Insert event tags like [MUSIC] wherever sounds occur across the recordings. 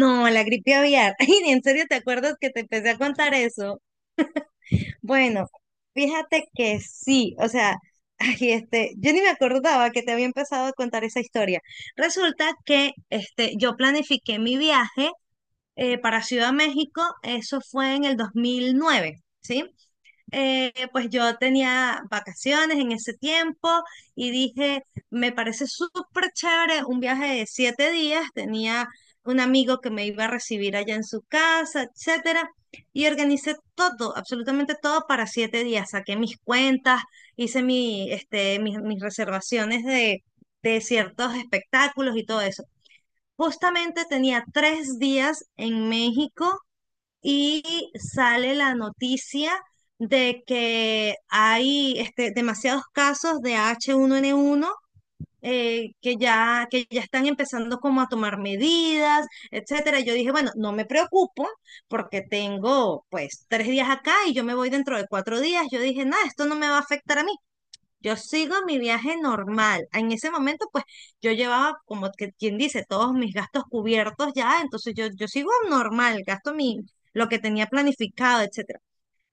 No, la gripe aviar. [LAUGHS] Ay, ¿en serio te acuerdas que te empecé a contar eso? Bueno, fíjate que sí, o sea, [LAUGHS] ay, este, yo ni me acordaba que te había empezado a contar esa historia. Resulta que este, yo planifiqué mi viaje para Ciudad de México. Eso fue en el 2009, ¿sí? Pues yo tenía vacaciones en ese tiempo y dije, me parece súper chévere un viaje de 7 días. Tenía un amigo que me iba a recibir allá en su casa, etcétera, y organicé todo, absolutamente todo para 7 días. Saqué mis cuentas, hice mis reservaciones de ciertos espectáculos y todo eso. Justamente tenía 3 días en México y sale la noticia de que hay este, demasiados casos de H1N1. Que ya están empezando como a tomar medidas, etcétera. Yo dije, bueno, no me preocupo porque tengo pues 3 días acá y yo me voy dentro de 4 días. Yo dije, nada, esto no me va a afectar a mí. Yo sigo mi viaje normal. En ese momento, pues yo llevaba, como que quien dice, todos mis gastos cubiertos ya, entonces yo sigo normal, gasto lo que tenía planificado, etcétera.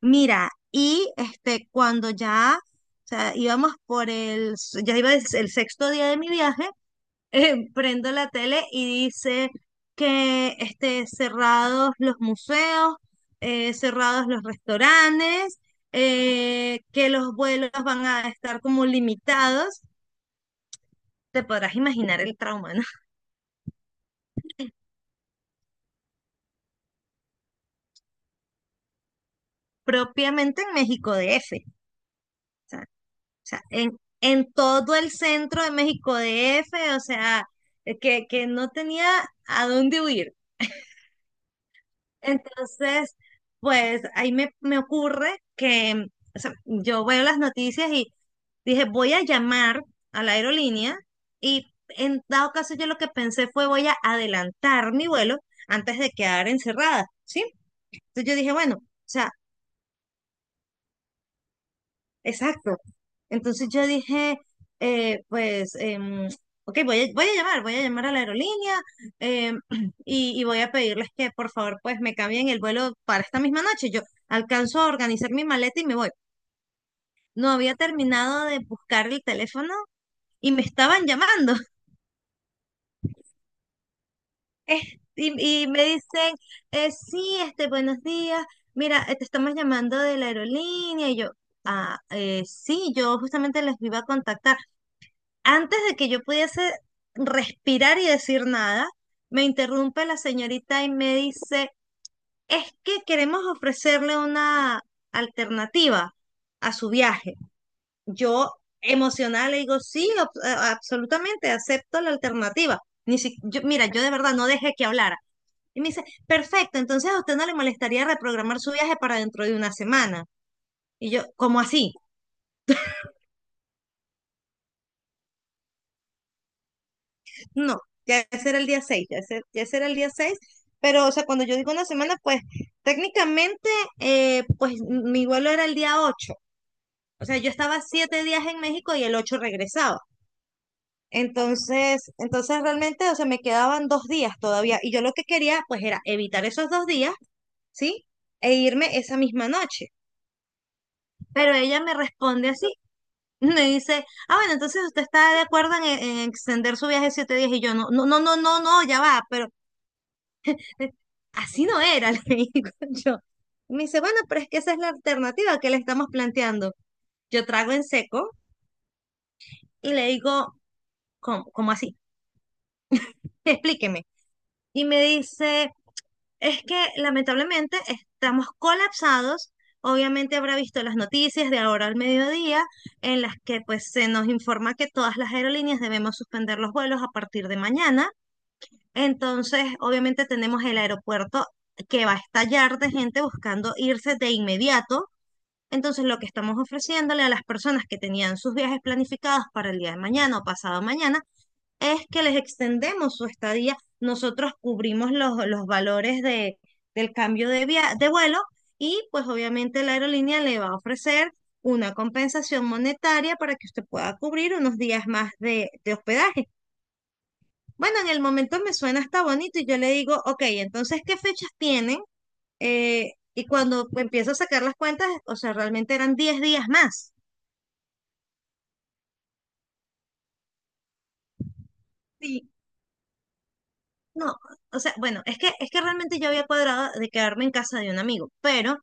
Mira, y este, cuando ya, o sea, íbamos por el, s- ya iba el, s- el sexto día de mi viaje. Prendo la tele y dice que este, cerrados los museos, cerrados los restaurantes, que los vuelos van a estar como limitados. Te podrás imaginar el trauma, ¿no? [LAUGHS] Propiamente en México DF, o sea, en, todo el centro de México D. F., o sea, que no tenía a dónde huir. Entonces, pues ahí me, ocurre que, o sea, yo veo las noticias y dije, voy a llamar a la aerolínea, y en dado caso yo lo que pensé fue voy a adelantar mi vuelo antes de quedar encerrada, ¿sí? Entonces yo dije, bueno, o sea. Exacto. Entonces yo dije, eh, pues, em, ok, voy a llamar a la aerolínea, em, [CLEARS THROAT] y voy a pedirles que por favor pues me cambien el vuelo para esta misma noche. Yo alcanzo a organizar mi maleta y me voy. No había terminado de buscar el teléfono y me estaban llamando. [LAUGHS] Eh, y me dicen, sí, este, buenos días, mira, te estamos llamando de la aerolínea. Y yo, ah, sí, yo justamente les iba a contactar. Antes de que yo pudiese respirar y decir nada, me interrumpe la señorita y me dice, es que queremos ofrecerle una alternativa a su viaje. Yo emocional le digo, sí, absolutamente, acepto la alternativa. Ni si- yo- mira, yo de verdad no dejé que hablara. Y me dice, perfecto, entonces a usted no le molestaría reprogramar su viaje para dentro de una semana. Y yo, ¿cómo así? No, ya ese era el día 6. Pero o sea, cuando yo digo una semana, pues técnicamente, pues mi vuelo era el día 8, o sea, yo estaba 7 días en México y el 8 regresaba. Entonces realmente, o sea, me quedaban 2 días todavía y yo lo que quería, pues, era evitar esos 2 días, ¿sí? E irme esa misma noche. Pero ella me responde así, [LAUGHS] me dice, ah, bueno, entonces usted está de acuerdo en, extender su viaje 7 días. Y yo no, no, no, no, no, no, ya va, pero así no era, [LAUGHS] le digo yo. Me dice, bueno, pero es que esa es la alternativa que le estamos planteando. Yo trago en seco y le digo, cómo así? [LAUGHS] Explíqueme. Y me dice, es que lamentablemente estamos colapsados. Obviamente habrá visto las noticias de ahora al mediodía en las que pues se nos informa que todas las aerolíneas debemos suspender los vuelos a partir de mañana. Entonces, obviamente tenemos el aeropuerto que va a estallar de gente buscando irse de inmediato. Entonces, lo que estamos ofreciéndole a las personas que tenían sus viajes planificados para el día de mañana o pasado mañana es que les extendemos su estadía. Nosotros cubrimos los valores del cambio de vuelo, y pues obviamente la aerolínea le va a ofrecer una compensación monetaria para que usted pueda cubrir unos días más de hospedaje. Bueno, en el momento me suena hasta bonito y yo le digo, ok, entonces, ¿qué fechas tienen? Y cuando empiezo a sacar las cuentas, o sea, realmente eran 10 días más. Sí, no, o sea, bueno, es que realmente yo había cuadrado de quedarme en casa de un amigo, pero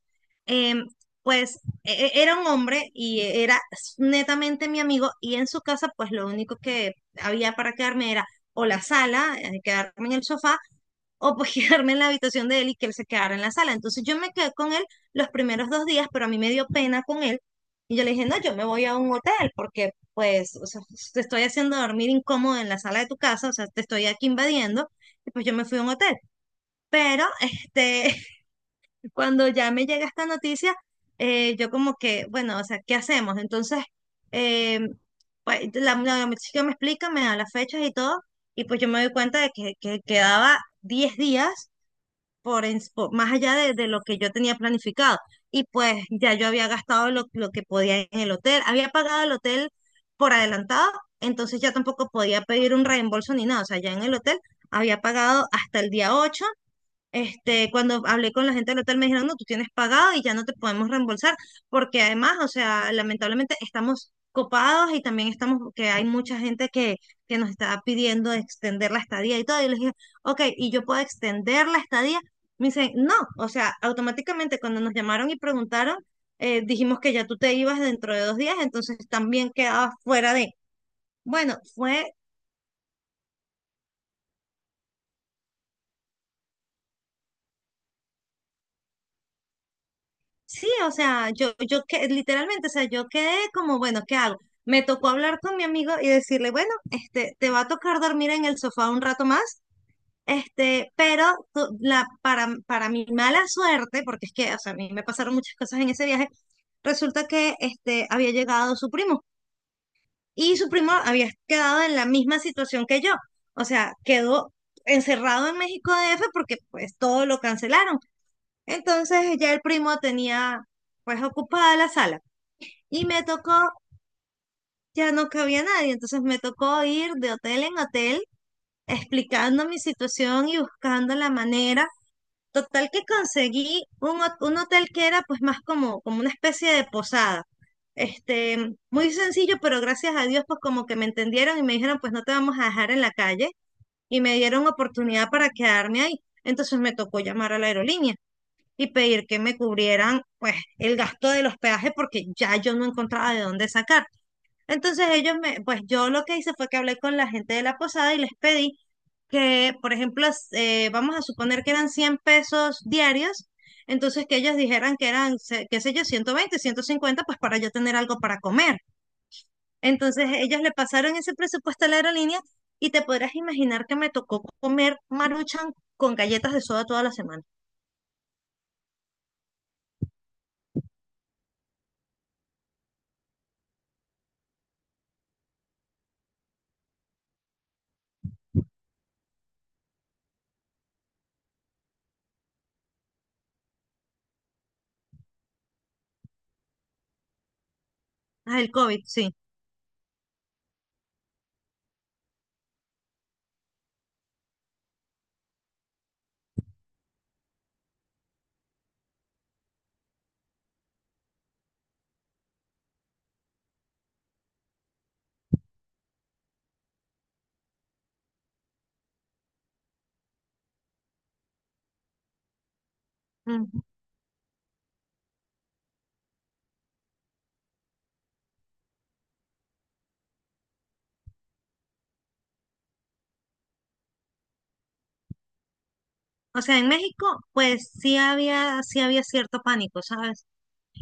em, pues era un hombre y era netamente mi amigo, y en su casa pues lo único que había para quedarme era o la sala, quedarme en el sofá o pues [LAUGHS] quedarme en la habitación de él y que él se quedara en la sala. Entonces yo me quedé con él los primeros 2 días, pero a mí me dio pena con él. Y yo le dije, no, yo me voy a un hotel porque, pues, o sea, pues, te estoy haciendo dormir incómodo en la sala de tu casa, o sea, te estoy aquí invadiendo. Y pues yo me fui a un hotel. Pero este, [LAUGHS] cuando ya me llega esta noticia, yo como que, bueno, o sea, ¿qué hacemos? Entonces, eh, pues la chica me explica, me da las fechas y todo, y pues yo me doy cuenta que quedaba 10 días más allá de lo que yo tenía planificado. Y pues ya yo había gastado lo que podía en el hotel, había pagado el hotel por adelantado, entonces ya tampoco podía pedir un reembolso ni nada, o sea, ya en el hotel había pagado hasta el día 8. Este, cuando hablé con la gente del hotel me dijeron, no, tú tienes pagado y ya no te podemos reembolsar, porque además, o sea, lamentablemente estamos copados y también estamos, que hay mucha gente que nos está pidiendo extender la estadía y todo. Y les dije, ok, ¿y yo puedo extender la estadía? Me dicen, no, o sea, automáticamente cuando nos llamaron y preguntaron, dijimos que ya tú te ibas dentro de 2 días, entonces también quedabas fuera de... Bueno, fue... Sí, o sea, yo que literalmente, o sea, yo quedé como, bueno, ¿qué hago? Me tocó hablar con mi amigo y decirle, bueno, este, te va a tocar dormir en el sofá un rato más, este, pero para mi mala suerte, porque es que, o sea, a mí me pasaron muchas cosas en ese viaje. Resulta que este, había llegado su primo, y su primo había quedado en la misma situación que yo, o sea, quedó encerrado en México DF porque pues todo lo cancelaron. Entonces ya el primo tenía pues ocupada la sala y me tocó, ya no cabía nadie, entonces me tocó ir de hotel en hotel explicando mi situación y buscando la manera. Total que conseguí un hotel que era pues más como una especie de posada. Este, muy sencillo, pero gracias a Dios, pues, como que me entendieron y me dijeron, pues, no te vamos a dejar en la calle, y me dieron oportunidad para quedarme ahí. Entonces me tocó llamar a la aerolínea y pedir que me cubrieran pues el gasto del hospedaje porque ya yo no encontraba de dónde sacar. Entonces ellos me, pues yo lo que hice fue que hablé con la gente de la posada y les pedí que, por ejemplo, vamos a suponer que eran 100 pesos diarios, entonces que ellos dijeran que eran, qué sé yo, 120, 150 pues para yo tener algo para comer. Entonces ellos le pasaron ese presupuesto a la aerolínea y te podrás imaginar que me tocó comer Maruchan con galletas de soda toda la semana. Ah, el COVID, sí. O sea, en México, pues sí había, cierto pánico, ¿sabes?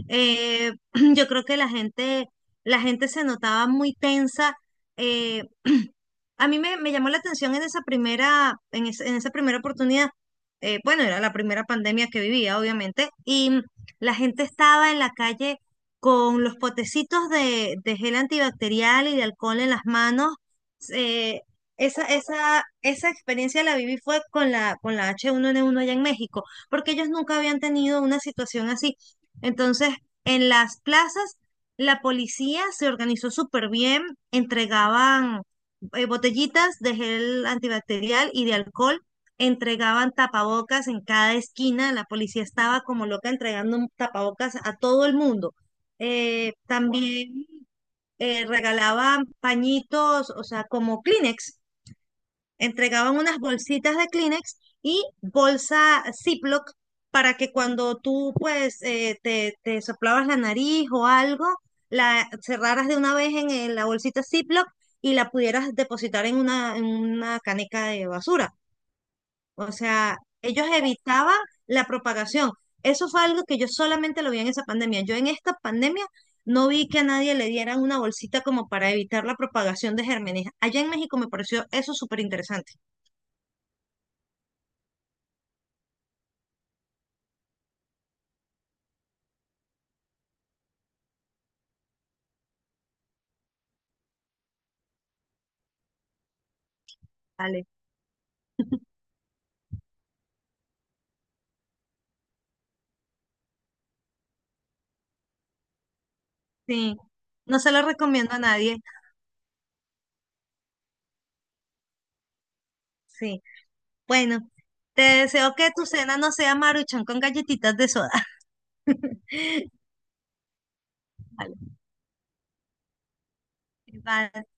Eh, [CLEARS THROAT] yo creo que la gente se notaba muy tensa. eh, [CLEARS THROAT] a mí me llamó la atención en esa primera, en esa primera oportunidad. Bueno, era la primera pandemia que vivía, obviamente, y la gente estaba en la calle con los potecitos de gel antibacterial y de alcohol en las manos. eh, esa experiencia la viví fue con la H1N1 allá en México, porque ellos nunca habían tenido una situación así. Entonces, en las plazas, la policía se organizó súper bien, entregaban botellitas de gel antibacterial y de alcohol, entregaban tapabocas en cada esquina, la policía estaba como loca entregando un tapabocas a todo el mundo. También, regalaban pañitos, o sea, como Kleenex. Entregaban unas bolsitas de Kleenex y bolsa Ziploc para que cuando tú, pues, te soplabas la nariz o algo, la cerraras de una vez en la bolsita Ziploc y la pudieras depositar en una caneca de basura. O sea, ellos evitaban la propagación. Eso fue algo que yo solamente lo vi en esa pandemia. Yo en esta pandemia no vi que a nadie le dieran una bolsita como para evitar la propagación de gérmenes. Allá en México me pareció eso súper interesante. Vale. Sí, no se lo recomiendo a nadie. Sí, bueno, te deseo que tu cena no sea maruchan con galletitas de soda. [LAUGHS] Vale, vale.